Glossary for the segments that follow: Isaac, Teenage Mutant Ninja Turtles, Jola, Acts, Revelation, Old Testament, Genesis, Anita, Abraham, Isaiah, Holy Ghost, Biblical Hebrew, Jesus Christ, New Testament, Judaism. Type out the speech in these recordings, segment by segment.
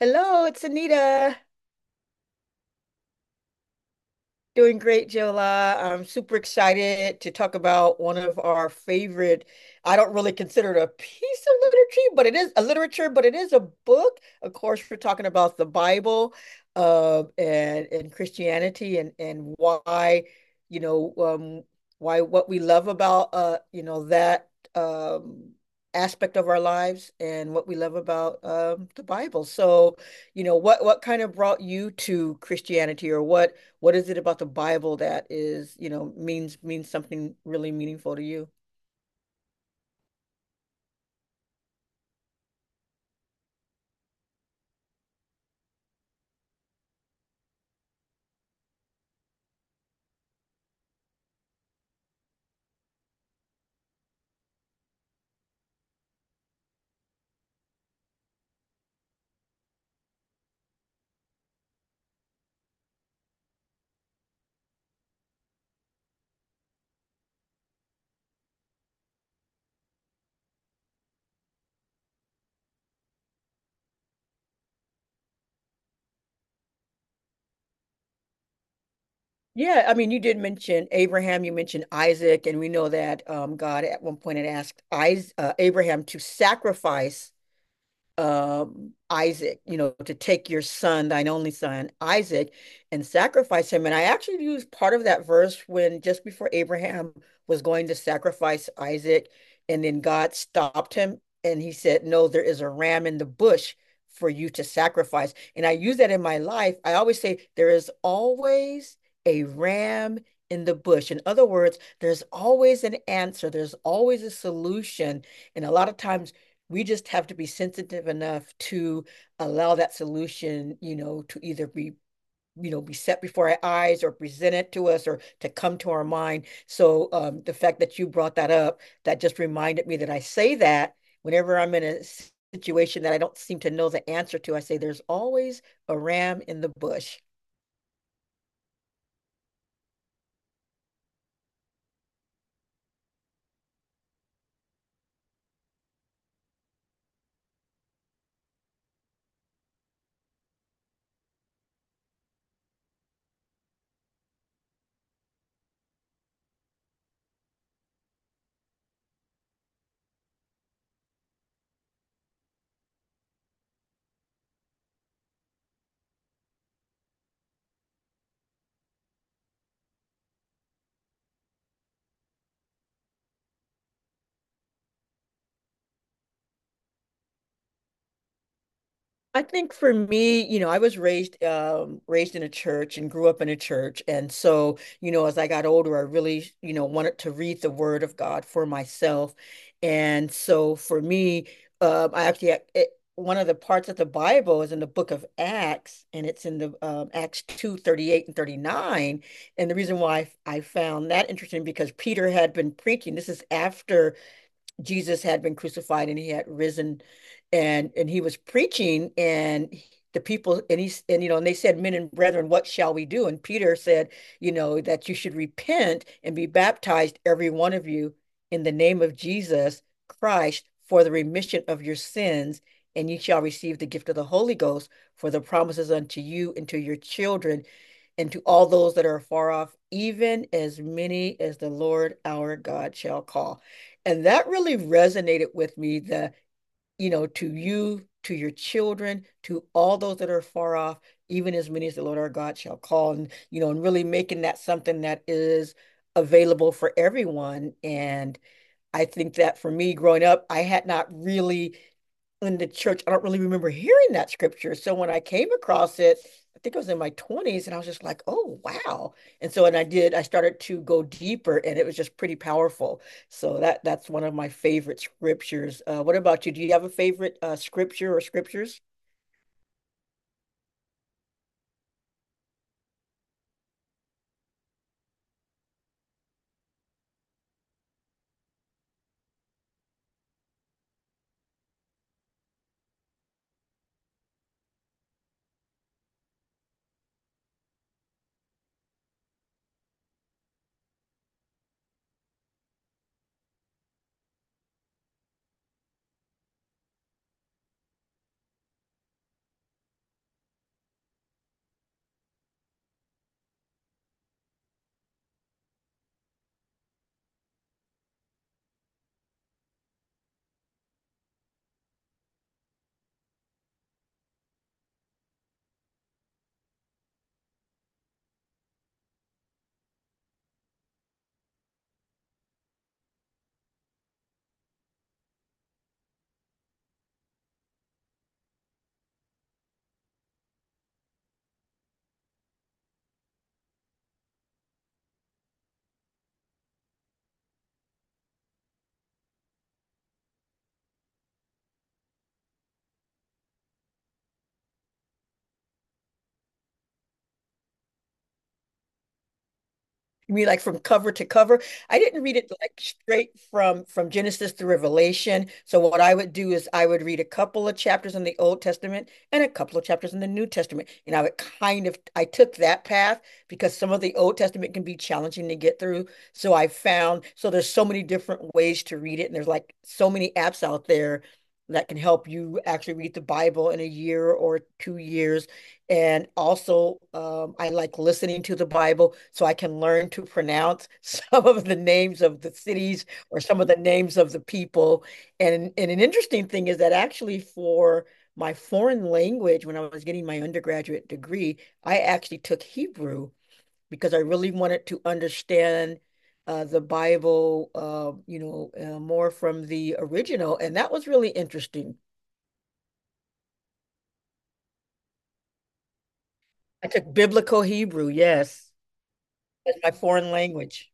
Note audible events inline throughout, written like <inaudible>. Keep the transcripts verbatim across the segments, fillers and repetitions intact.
Hello, it's Anita. Doing great, Jola. I'm super excited to talk about one of our favorite. I don't really consider it a piece of literature, but it is a literature, but it is a book. Of course, we're talking about the Bible, uh, and and Christianity, and and why, you know, um, why what we love about, uh, you know, that um aspect of our lives and what we love about um the Bible. So, you know, what what kind of brought you to Christianity, or what? What is it about the Bible that is, you know, means means something really meaningful to you? Yeah, I mean, you did mention Abraham, you mentioned Isaac, and we know that um, God at one point had asked Is uh, Abraham to sacrifice um, Isaac, you know, to take your son, thine only son, Isaac, and sacrifice him. And I actually used part of that verse when just before Abraham was going to sacrifice Isaac, and then God stopped him and he said, "No, there is a ram in the bush for you to sacrifice." And I use that in my life. I always say, "There is always a ram in the bush." In other words, there's always an answer, there's always a solution. And a lot of times, we just have to be sensitive enough to allow that solution, you know, to either be you know be set before our eyes or presented to us or to come to our mind. So um, the fact that you brought that up, that just reminded me that I say that whenever I'm in a situation that I don't seem to know the answer to, I say there's always a ram in the bush. I think for me, you know, I was raised um, raised in a church and grew up in a church, and so you know, as I got older, I really you know wanted to read the Word of God for myself, and so for me, um, I actually it, one of the parts of the Bible is in the book of Acts, and it's in the um, Acts two thirty eight and thirty nine, and the reason why I found that interesting because Peter had been preaching. This is after Jesus had been crucified and he had risen and and he was preaching and the people and he and you know and they said, "Men and brethren, what shall we do?" And Peter said, you know, that you should repent and be baptized every one of you in the name of Jesus Christ for the remission of your sins, and ye shall receive the gift of the Holy Ghost, for the promises unto you and to your children and to all those that are far off, even as many as the Lord our God shall call. And that really resonated with me that, you know, to you, to your children, to all those that are far off, even as many as the Lord our God shall call. And, you know, and really making that something that is available for everyone. And I think that for me growing up, I had not really in the church, I don't really remember hearing that scripture. So when I came across it, I think I was in my twenties and I was just like, oh, wow. And so, and I did, I started to go deeper and it was just pretty powerful. So that that's one of my favorite scriptures. Uh, what about you? Do you have a favorite uh, scripture or scriptures? You mean like from cover to cover? I didn't read it like straight from from Genesis to Revelation. So what I would do is I would read a couple of chapters in the Old Testament and a couple of chapters in the New Testament. And I would kind of I took that path because some of the Old Testament can be challenging to get through. So I found, so there's so many different ways to read it and there's like so many apps out there that can help you actually read the Bible in a year or two years. And also, um, I like listening to the Bible so I can learn to pronounce <laughs> some of the names of the cities or some of the names of the people. And, and an interesting thing is that actually, for my foreign language, when I was getting my undergraduate degree, I actually took Hebrew because I really wanted to understand uh, the Bible, uh, you know, uh, more from the original. And that was really interesting. I took Biblical Hebrew, yes, as my foreign language.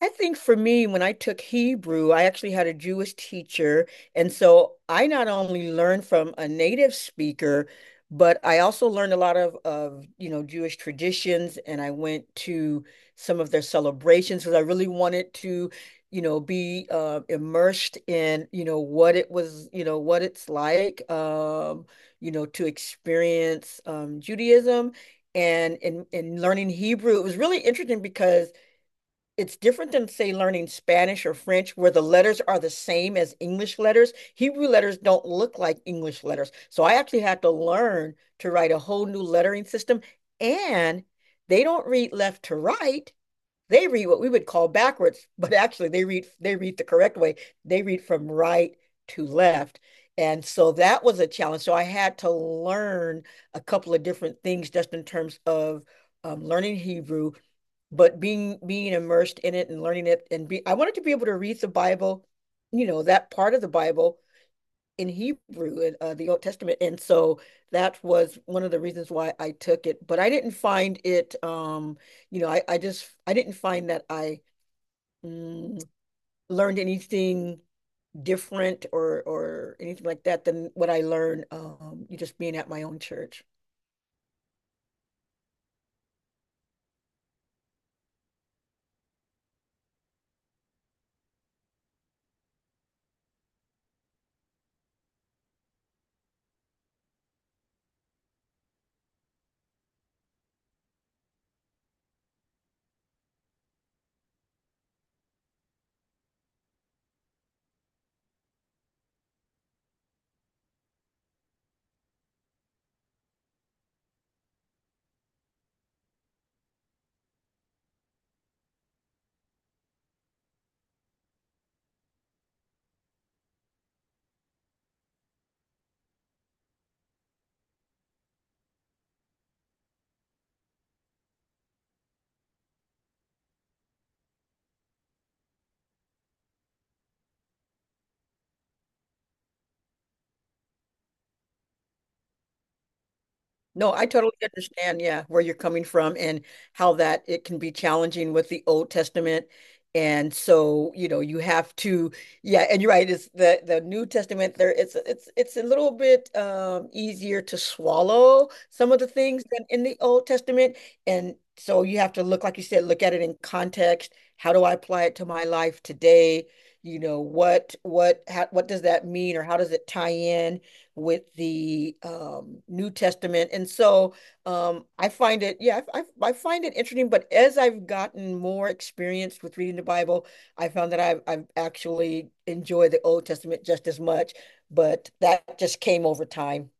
I think for me, when I took Hebrew, I actually had a Jewish teacher. And so I not only learned from a native speaker, but I also learned a lot of, of you know, Jewish traditions. And I went to some of their celebrations because I really wanted to, you know, be uh, immersed in, you know, what it was, you know, what it's like, um, you know, to experience um, Judaism. And in, in learning Hebrew, it was really interesting because it's different than say learning Spanish or French where the letters are the same as English letters. Hebrew letters don't look like English letters. So I actually had to learn to write a whole new lettering system, and they don't read left to right. They read what we would call backwards, <laughs> but actually they read they read the correct way. They read from right to left. And so that was a challenge. So I had to learn a couple of different things just in terms of um, learning Hebrew, but being being immersed in it and learning it, and be I wanted to be able to read the Bible, you know, that part of the Bible in Hebrew in uh, the Old Testament, and so that was one of the reasons why I took it. But I didn't find it, um, you know, I I just I didn't find that I mm, learned anything different or or anything like that than what I learned um, just being at my own church. No, I totally understand, yeah, where you're coming from and how that it can be challenging with the Old Testament. And so, you know, you have to, yeah, and you're right, it's the the New Testament there it's it's it's a little bit um easier to swallow some of the things than in the Old Testament. And so you have to look, like you said, look at it in context. How do I apply it to my life today? You know, what what how, what does that mean or how does it tie in with the um, New Testament? And so um, I find it, yeah, I, I, find it interesting. But as I've gotten more experienced with reading the Bible, I found that I've, I've actually enjoyed the Old Testament just as much. But that just came over time.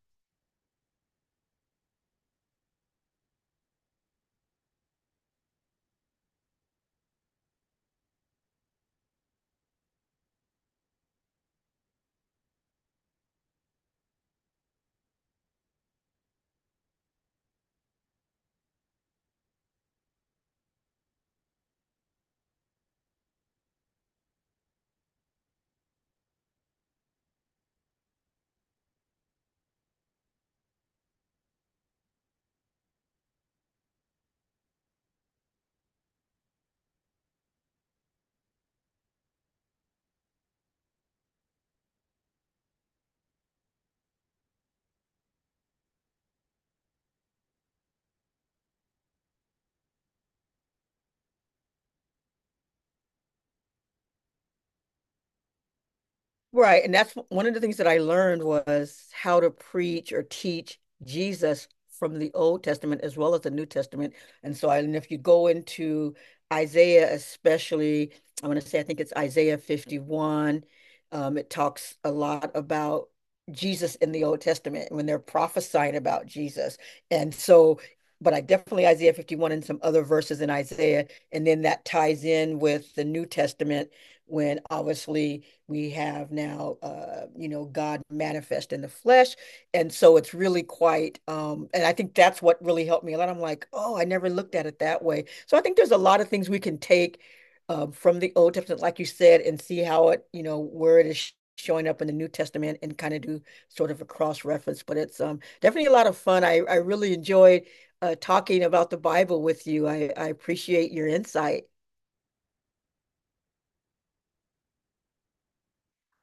Right. And that's one of the things that I learned was how to preach or teach Jesus from the Old Testament as well as the New Testament. And so I, and if you go into Isaiah, especially, I want to say, I think it's Isaiah fifty-one, um, it talks a lot about Jesus in the Old Testament when they're prophesying about Jesus. And so, but I definitely Isaiah fifty-one and some other verses in Isaiah. And then that ties in with the New Testament when obviously we have now, uh, you know, God manifest in the flesh. And so it's really quite, um, and I think that's what really helped me a lot. I'm like, oh, I never looked at it that way. So I think there's a lot of things we can take um, from the Old Testament, like you said, and see how it, you know, where it is showing up in the New Testament and kind of do sort of a cross reference. But it's um, definitely a lot of fun. I, I really enjoyed uh, talking about the Bible with you. I, I appreciate your insight.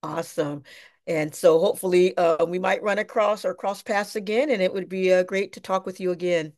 Awesome. And so hopefully uh, we might run across or cross paths again, and it would be uh, great to talk with you again.